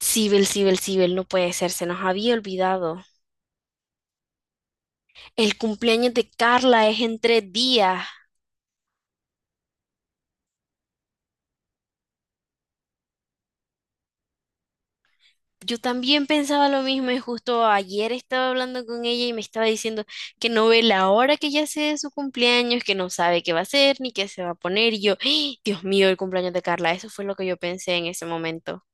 Sibel, Sibel, Sibel, no puede ser, se nos había olvidado. El cumpleaños de Carla es en tres días. Yo también pensaba lo mismo y justo ayer estaba hablando con ella y me estaba diciendo que no ve la hora que ya sea de su cumpleaños, que no sabe qué va a hacer ni qué se va a poner. Y yo, ¡ay! Dios mío, el cumpleaños de Carla, eso fue lo que yo pensé en ese momento.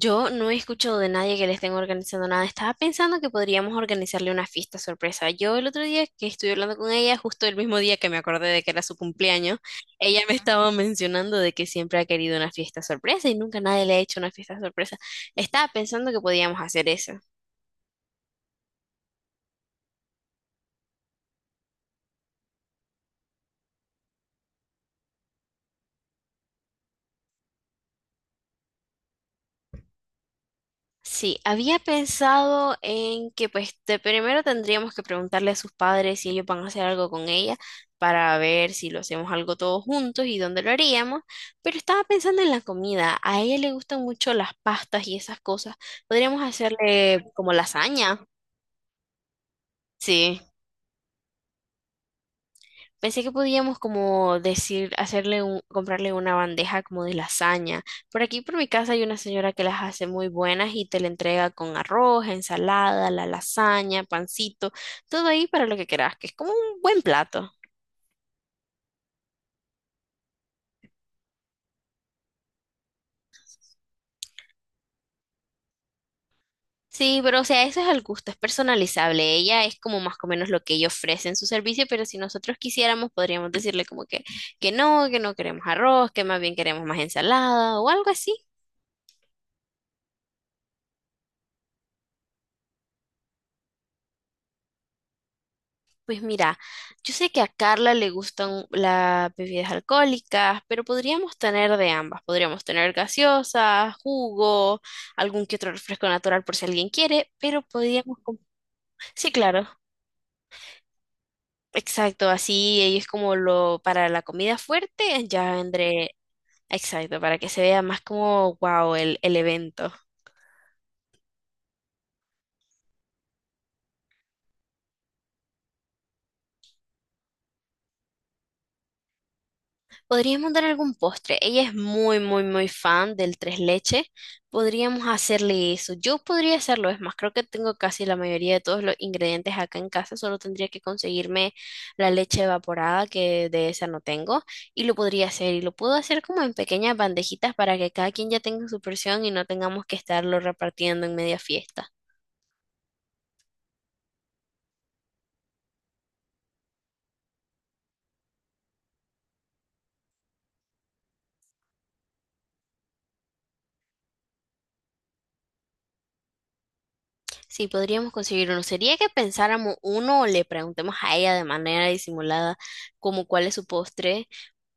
Yo no he escuchado de nadie que le estén organizando nada. Estaba pensando que podríamos organizarle una fiesta sorpresa. Yo el otro día que estuve hablando con ella, justo el mismo día que me acordé de que era su cumpleaños, ella me estaba mencionando de que siempre ha querido una fiesta sorpresa y nunca nadie le ha hecho una fiesta sorpresa. Estaba pensando que podíamos hacer eso. Sí, había pensado en que pues de primero tendríamos que preguntarle a sus padres si ellos van a hacer algo con ella para ver si lo hacemos algo todos juntos y dónde lo haríamos, pero estaba pensando en la comida. A ella le gustan mucho las pastas y esas cosas. Podríamos hacerle como lasaña. Sí. Pensé que podíamos como decir, hacerle un, comprarle una bandeja como de lasaña. Por aquí por mi casa hay una señora que las hace muy buenas y te la entrega con arroz, ensalada, la lasaña, pancito, todo ahí para lo que quieras, que es como un buen plato. Sí, pero o sea, eso es al gusto, es personalizable. Ella es como más o menos lo que ella ofrece en su servicio, pero si nosotros quisiéramos, podríamos decirle como que no, que no queremos arroz, que más bien queremos más ensalada o algo así. Pues mira, yo sé que a Carla le gustan las bebidas alcohólicas, pero podríamos tener de ambas. Podríamos tener gaseosa, jugo, algún que otro refresco natural por si alguien quiere, pero Sí, claro, exacto, así ella es como lo para la comida fuerte, ya vendré, exacto, para que se vea más como, wow, el evento. Podríamos dar algún postre. Ella es muy, muy, muy fan del tres leche. Podríamos hacerle eso. Yo podría hacerlo. Es más, creo que tengo casi la mayoría de todos los ingredientes acá en casa. Solo tendría que conseguirme la leche evaporada, que de esa no tengo. Y lo podría hacer. Y lo puedo hacer como en pequeñas bandejitas para que cada quien ya tenga su porción y no tengamos que estarlo repartiendo en media fiesta. Sí, podríamos conseguir uno. Sería que pensáramos uno o le preguntemos a ella de manera disimulada como cuál es su postre,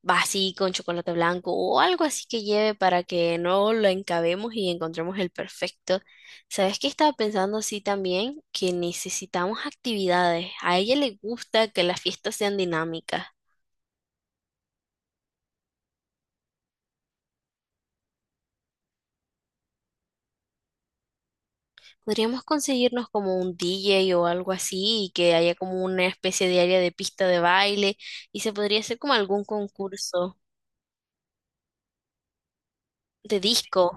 va así con chocolate blanco o algo así que lleve para que no lo encabemos y encontremos el perfecto. ¿Sabes qué estaba pensando así también? Que necesitamos actividades. A ella le gusta que las fiestas sean dinámicas. Podríamos conseguirnos como un DJ o algo así y que haya como una especie de área de pista de baile y se podría hacer como algún concurso de disco.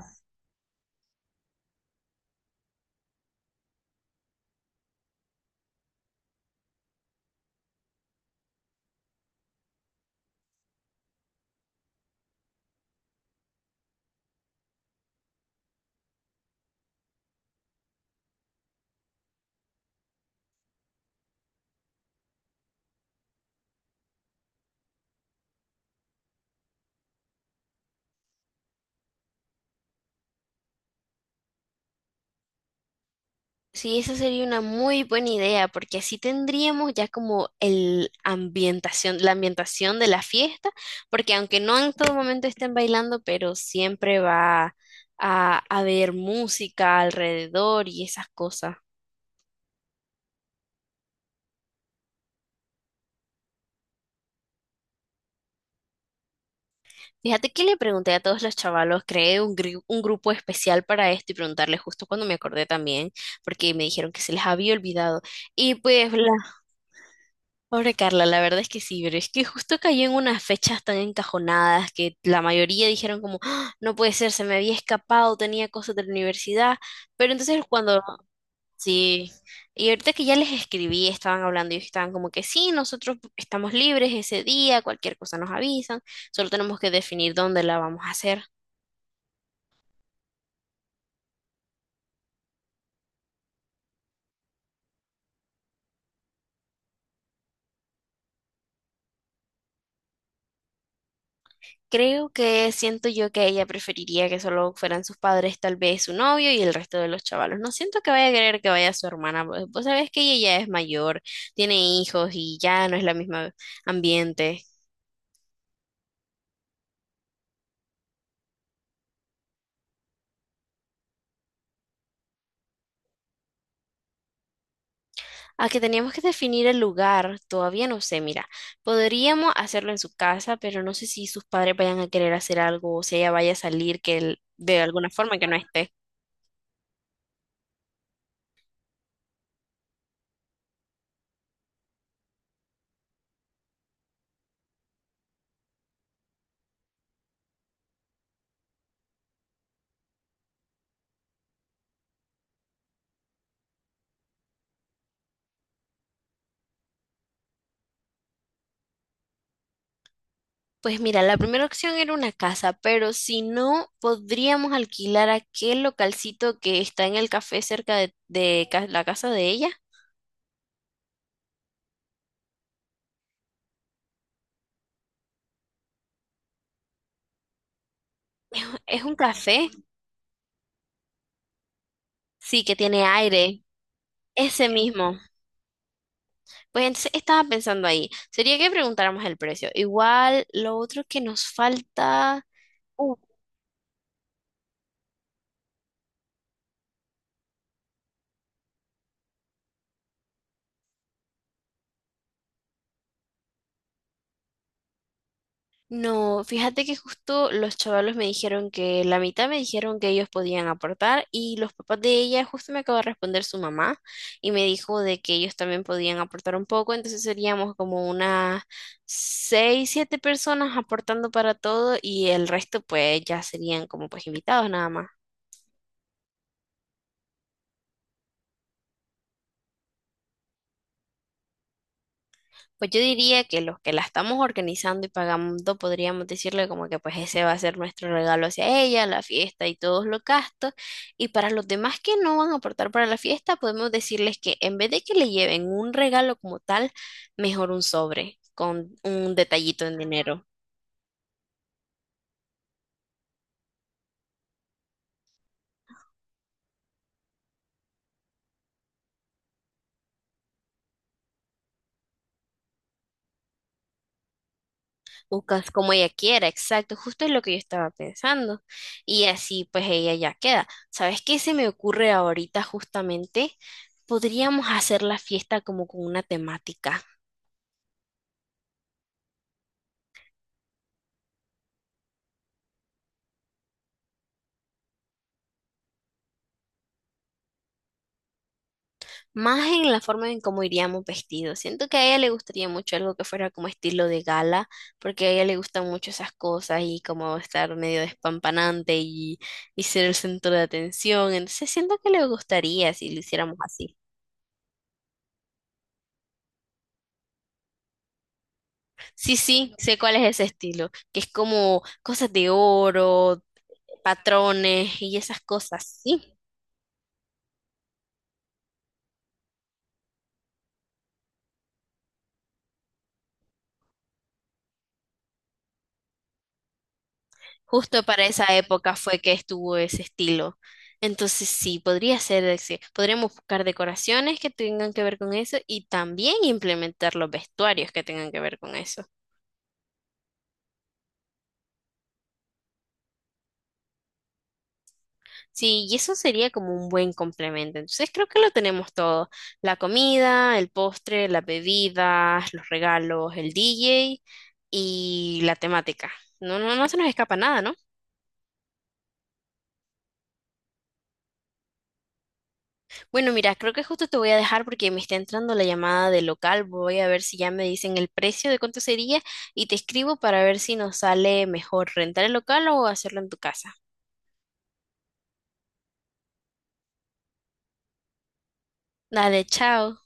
Sí, esa sería una muy buena idea, porque así tendríamos ya como el ambientación, la ambientación de la fiesta, porque aunque no en todo momento estén bailando, pero siempre va a haber música alrededor y esas cosas. Fíjate que le pregunté a todos los chavalos, creé un, un grupo especial para esto y preguntarles justo cuando me acordé también, porque me dijeron que se les había olvidado. Y pues pobre Carla, la verdad es que sí, pero es que justo cayó en unas fechas tan encajonadas que la mayoría dijeron como, "Ah, no puede ser, se me había escapado, tenía cosas de la universidad, pero sí, y ahorita que ya les escribí, estaban hablando y ellos estaban como que sí, nosotros estamos libres ese día, cualquier cosa nos avisan, solo tenemos que definir dónde la vamos a hacer. Creo que siento yo que ella preferiría que solo fueran sus padres, tal vez su novio y el resto de los chavalos. No siento que vaya a querer que vaya su hermana. Vos sabés que ella ya es mayor, tiene hijos y ya no es la misma ambiente. A que teníamos que definir el lugar, todavía no sé, mira, podríamos hacerlo en su casa, pero no sé si sus padres vayan a querer hacer algo o si ella vaya a salir de alguna forma que no esté. Pues mira, la primera opción era una casa, pero si no, podríamos alquilar aquel localcito que está en el café cerca de, la casa de ella. Es un café, sí, que tiene aire, ese mismo. Pues entonces estaba pensando ahí, sería que preguntáramos el precio. Igual, lo otro que nos falta. No, fíjate que justo los chavalos me dijeron que la mitad me dijeron que ellos podían aportar y los papás de ella, justo me acaba de responder su mamá y me dijo de que ellos también podían aportar un poco, entonces seríamos como unas seis, siete personas aportando para todo y el resto pues ya serían como pues invitados nada más. Pues yo diría que los que la estamos organizando y pagando podríamos decirle como que pues ese va a ser nuestro regalo hacia ella, la fiesta y todos los gastos. Y para los demás que no van a aportar para la fiesta, podemos decirles que en vez de que le lleven un regalo como tal, mejor un sobre con un detallito en dinero. Buscas como ella quiera, exacto, justo es lo que yo estaba pensando. Y así pues ella ya queda. ¿Sabes qué se me ocurre ahorita justamente? Podríamos hacer la fiesta como con una temática. Más en la forma en cómo iríamos vestidos. Siento que a ella le gustaría mucho algo que fuera como estilo de gala, porque a ella le gustan mucho esas cosas y como estar medio despampanante y ser el centro de atención. Entonces siento que le gustaría si lo hiciéramos así. Sí, sí, sé cuál es ese estilo, que es como cosas de oro, patrones y esas cosas, sí. Justo para esa época fue que estuvo ese estilo. Entonces sí, podría ser, podríamos buscar decoraciones que tengan que ver con eso y también implementar los vestuarios que tengan que ver con eso. Sí, y eso sería como un buen complemento. Entonces creo que lo tenemos todo. La comida, el postre, las bebidas, los regalos, el DJ y la temática. No, no, no se nos escapa nada, ¿no? Bueno, mira, creo que justo te voy a dejar porque me está entrando la llamada del local. Voy a ver si ya me dicen el precio de cuánto sería y te escribo para ver si nos sale mejor rentar el local o hacerlo en tu casa. Dale, chao.